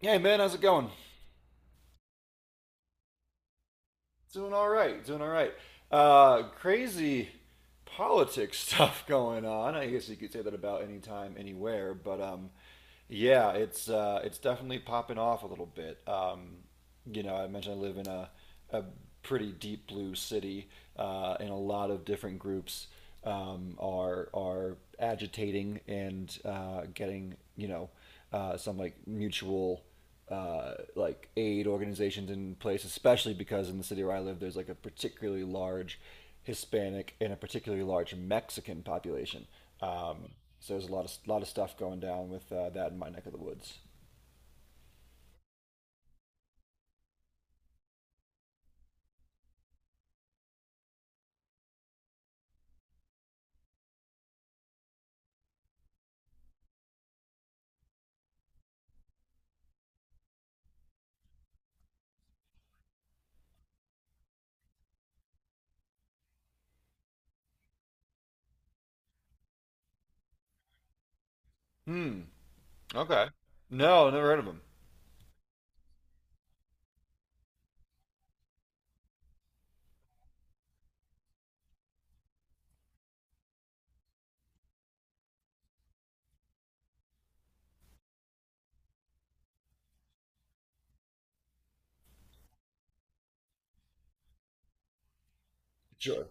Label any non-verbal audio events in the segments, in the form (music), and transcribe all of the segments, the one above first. Hey man, how's it going? Doing all right, doing all right. Crazy politics (laughs) stuff going on. I guess you could say that about any time, anywhere. But yeah, it's definitely popping off a little bit. I mentioned I live in a pretty deep blue city, and a lot of different groups are agitating and getting some like mutual like aid organizations in place, especially because in the city where I live, there's like a particularly large Hispanic and a particularly large Mexican population. Um, so there's a lot of stuff going down with that in my neck of the woods. Hmm. Okay. No, never heard of them. Sure.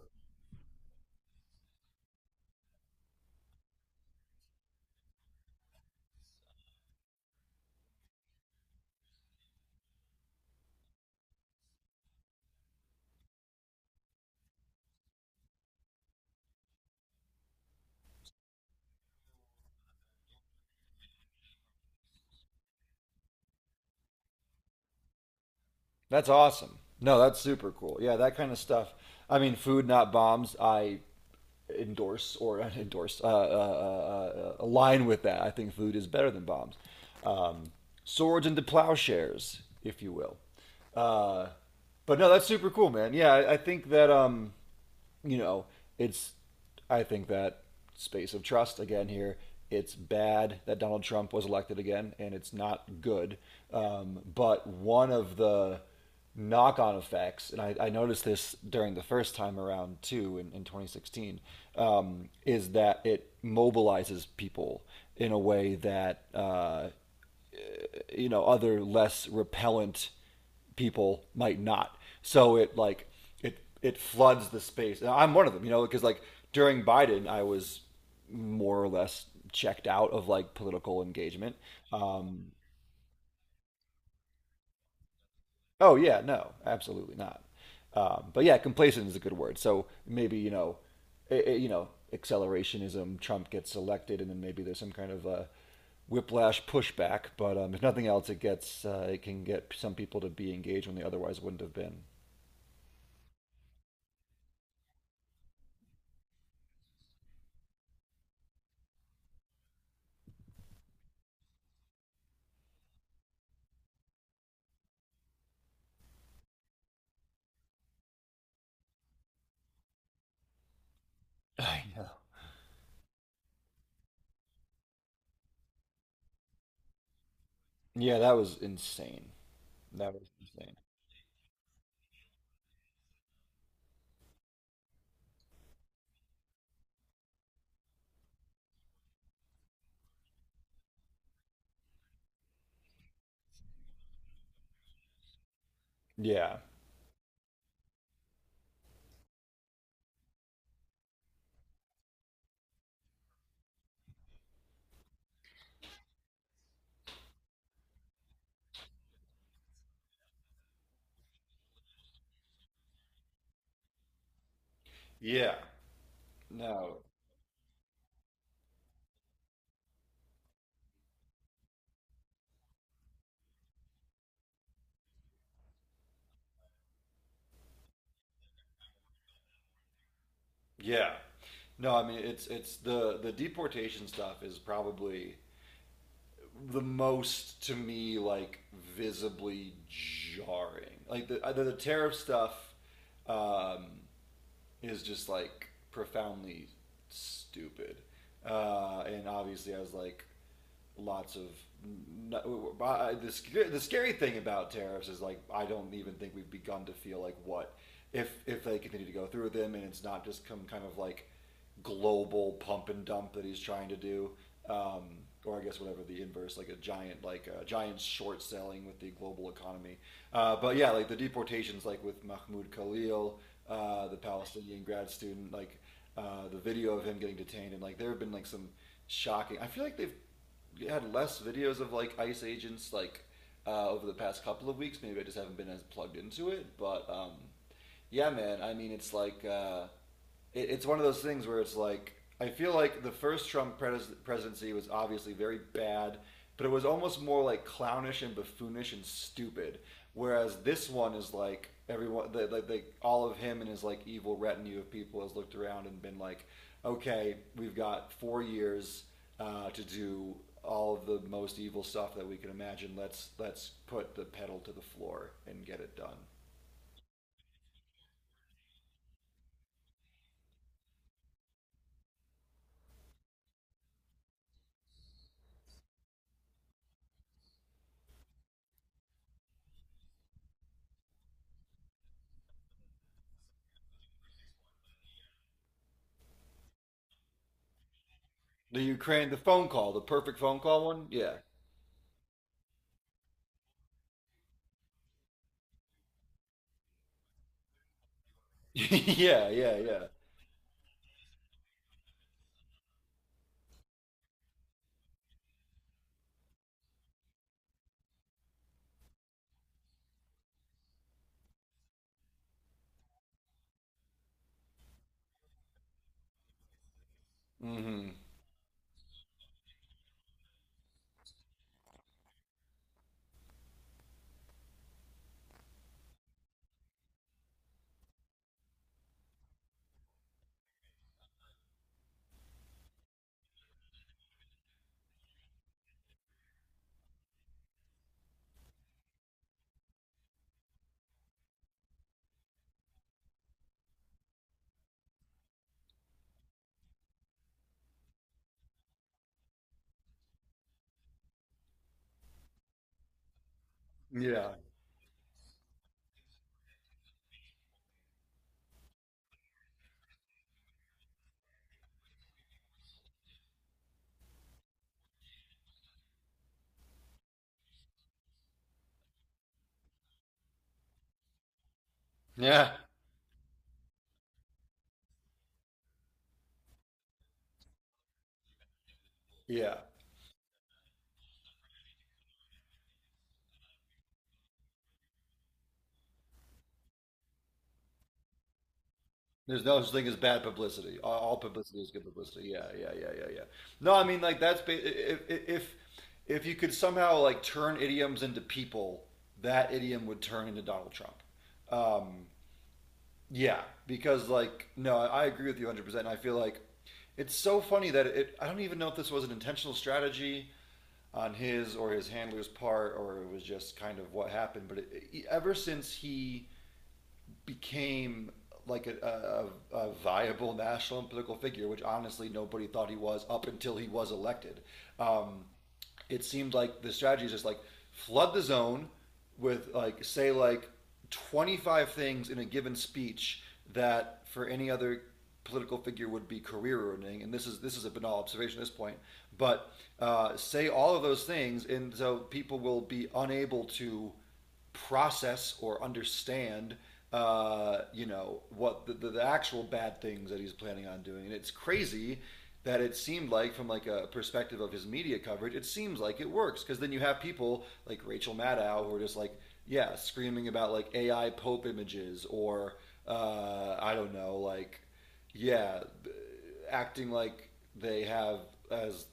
That's awesome. No, that's super cool. Yeah, that kind of stuff. I mean, food not bombs. I endorse or (laughs) endorse align with that. I think food is better than bombs. Um, swords into plowshares, if you will. Uh, but no, that's super cool, man. Yeah, I think that you know, it's I think that space of trust again here. It's bad that Donald Trump was elected again, and it's not good. But one of the knock-on effects, and I noticed this during the first time around too in 2016, is that it mobilizes people in a way that other less repellent people might not. So it like it floods the space. And I'm one of them, you know, because like during Biden, I was more or less checked out of like political engagement. Um, Oh yeah, no, absolutely not. But yeah, complacent is a good word. So maybe i i you know, accelerationism. Trump gets elected, and then maybe there's some kind of a whiplash pushback. But if nothing else, it gets it can get some people to be engaged when they otherwise wouldn't have been. (sighs) I know. Yeah, that was insane. That was insane. Yeah. Yeah. No. Yeah. No, I mean it's the deportation stuff is probably the most to me like visibly jarring. Like the the tariff stuff um, is just like profoundly stupid, and obviously has like lots of the the scary thing about tariffs is like I don't even think we've begun to feel like what if they continue to go through with them and it's not just come kind of like global pump and dump that he's trying to do, um, or I guess whatever the inverse, like a giant short selling with the global economy. But yeah, like the deportations, like with Mahmoud Khalil, the Palestinian grad student, like the video of him getting detained, and like there have been like some shocking. I feel like they've had less videos of like ICE agents like over the past couple of weeks. Maybe I just haven't been as plugged into it, but yeah, man. I mean, it's like it's one of those things where it's like I feel like the first Trump presidency was obviously very bad, but it was almost more like clownish and buffoonish and stupid. Whereas this one is like everyone, like all of him and his like evil retinue of people has looked around and been like, okay, we've got 4 years to do all of the most evil stuff that we can imagine. Let's put the pedal to the floor and get it done. The Ukraine, the phone call, the perfect phone call one. Yeah, (laughs) yeah, yeah, yeah. Hmm. Yeah, yeah, yeah. There's no such thing as bad publicity. All publicity is good publicity. Yeah, yeah, yeah, yeah, yeah. No, I mean like that's if if you could somehow like turn idioms into people, that idiom would turn into Donald Trump. Um, yeah, because like no, I agree with you 100%. And I feel like it's so funny that it. I don't even know if this was an intentional strategy on his or his handler's part, or it was just kind of what happened. But it, ever since he became like a viable national and political figure, which honestly nobody thought he was up until he was elected. Um, it seemed like the strategy is just like flood the zone with like say like 25 things in a given speech that for any other political figure would be career ruining and this is a banal observation at this point but say all of those things and so people will be unable to process or understand what the actual bad things that he's planning on doing and it's crazy that it seemed like from like a perspective of his media coverage it seems like it works because then you have people like Rachel Maddow who are just like yeah screaming about like AI pope images or I don't know like yeah acting like they have as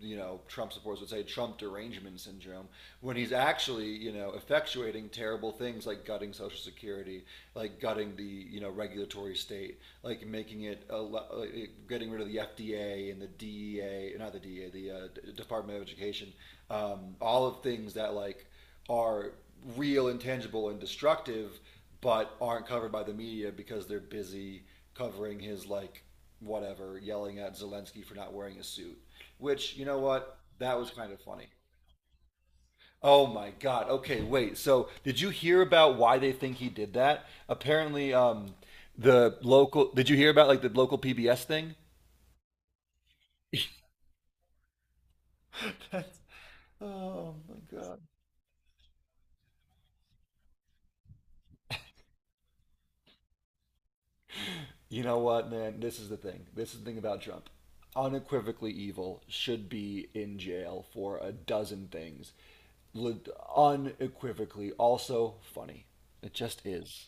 you know, Trump supporters would say Trump derangement syndrome, when he's actually, you know, effectuating terrible things like gutting Social Security, like gutting the, you know, regulatory state, like making like getting rid of the FDA and the DEA, not the DEA, the Department of Education, all of things that like are real, intangible, and destructive, but aren't covered by the media because they're busy covering his like whatever, yelling at Zelensky for not wearing a suit. Which, you know what? That was kind of funny. Oh my God. Okay, wait. So, did you hear about why they think he did that? Apparently, the local. Did you hear about like the local PBS thing? (laughs) That's, oh my God. You know what, man? This is the thing. This is the thing about Trump. Unequivocally evil, should be in jail for a dozen things. Le- Unequivocally, also funny. It just is.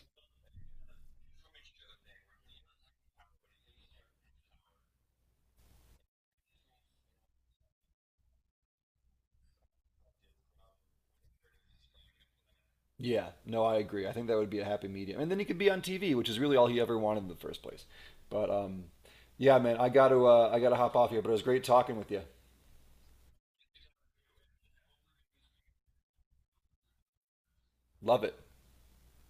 Yeah, no, I agree. I think that would be a happy medium, and then he could be on TV, which is really all he ever wanted in the first place. But yeah, man, I got to hop off here. But it was great talking with you. Love it.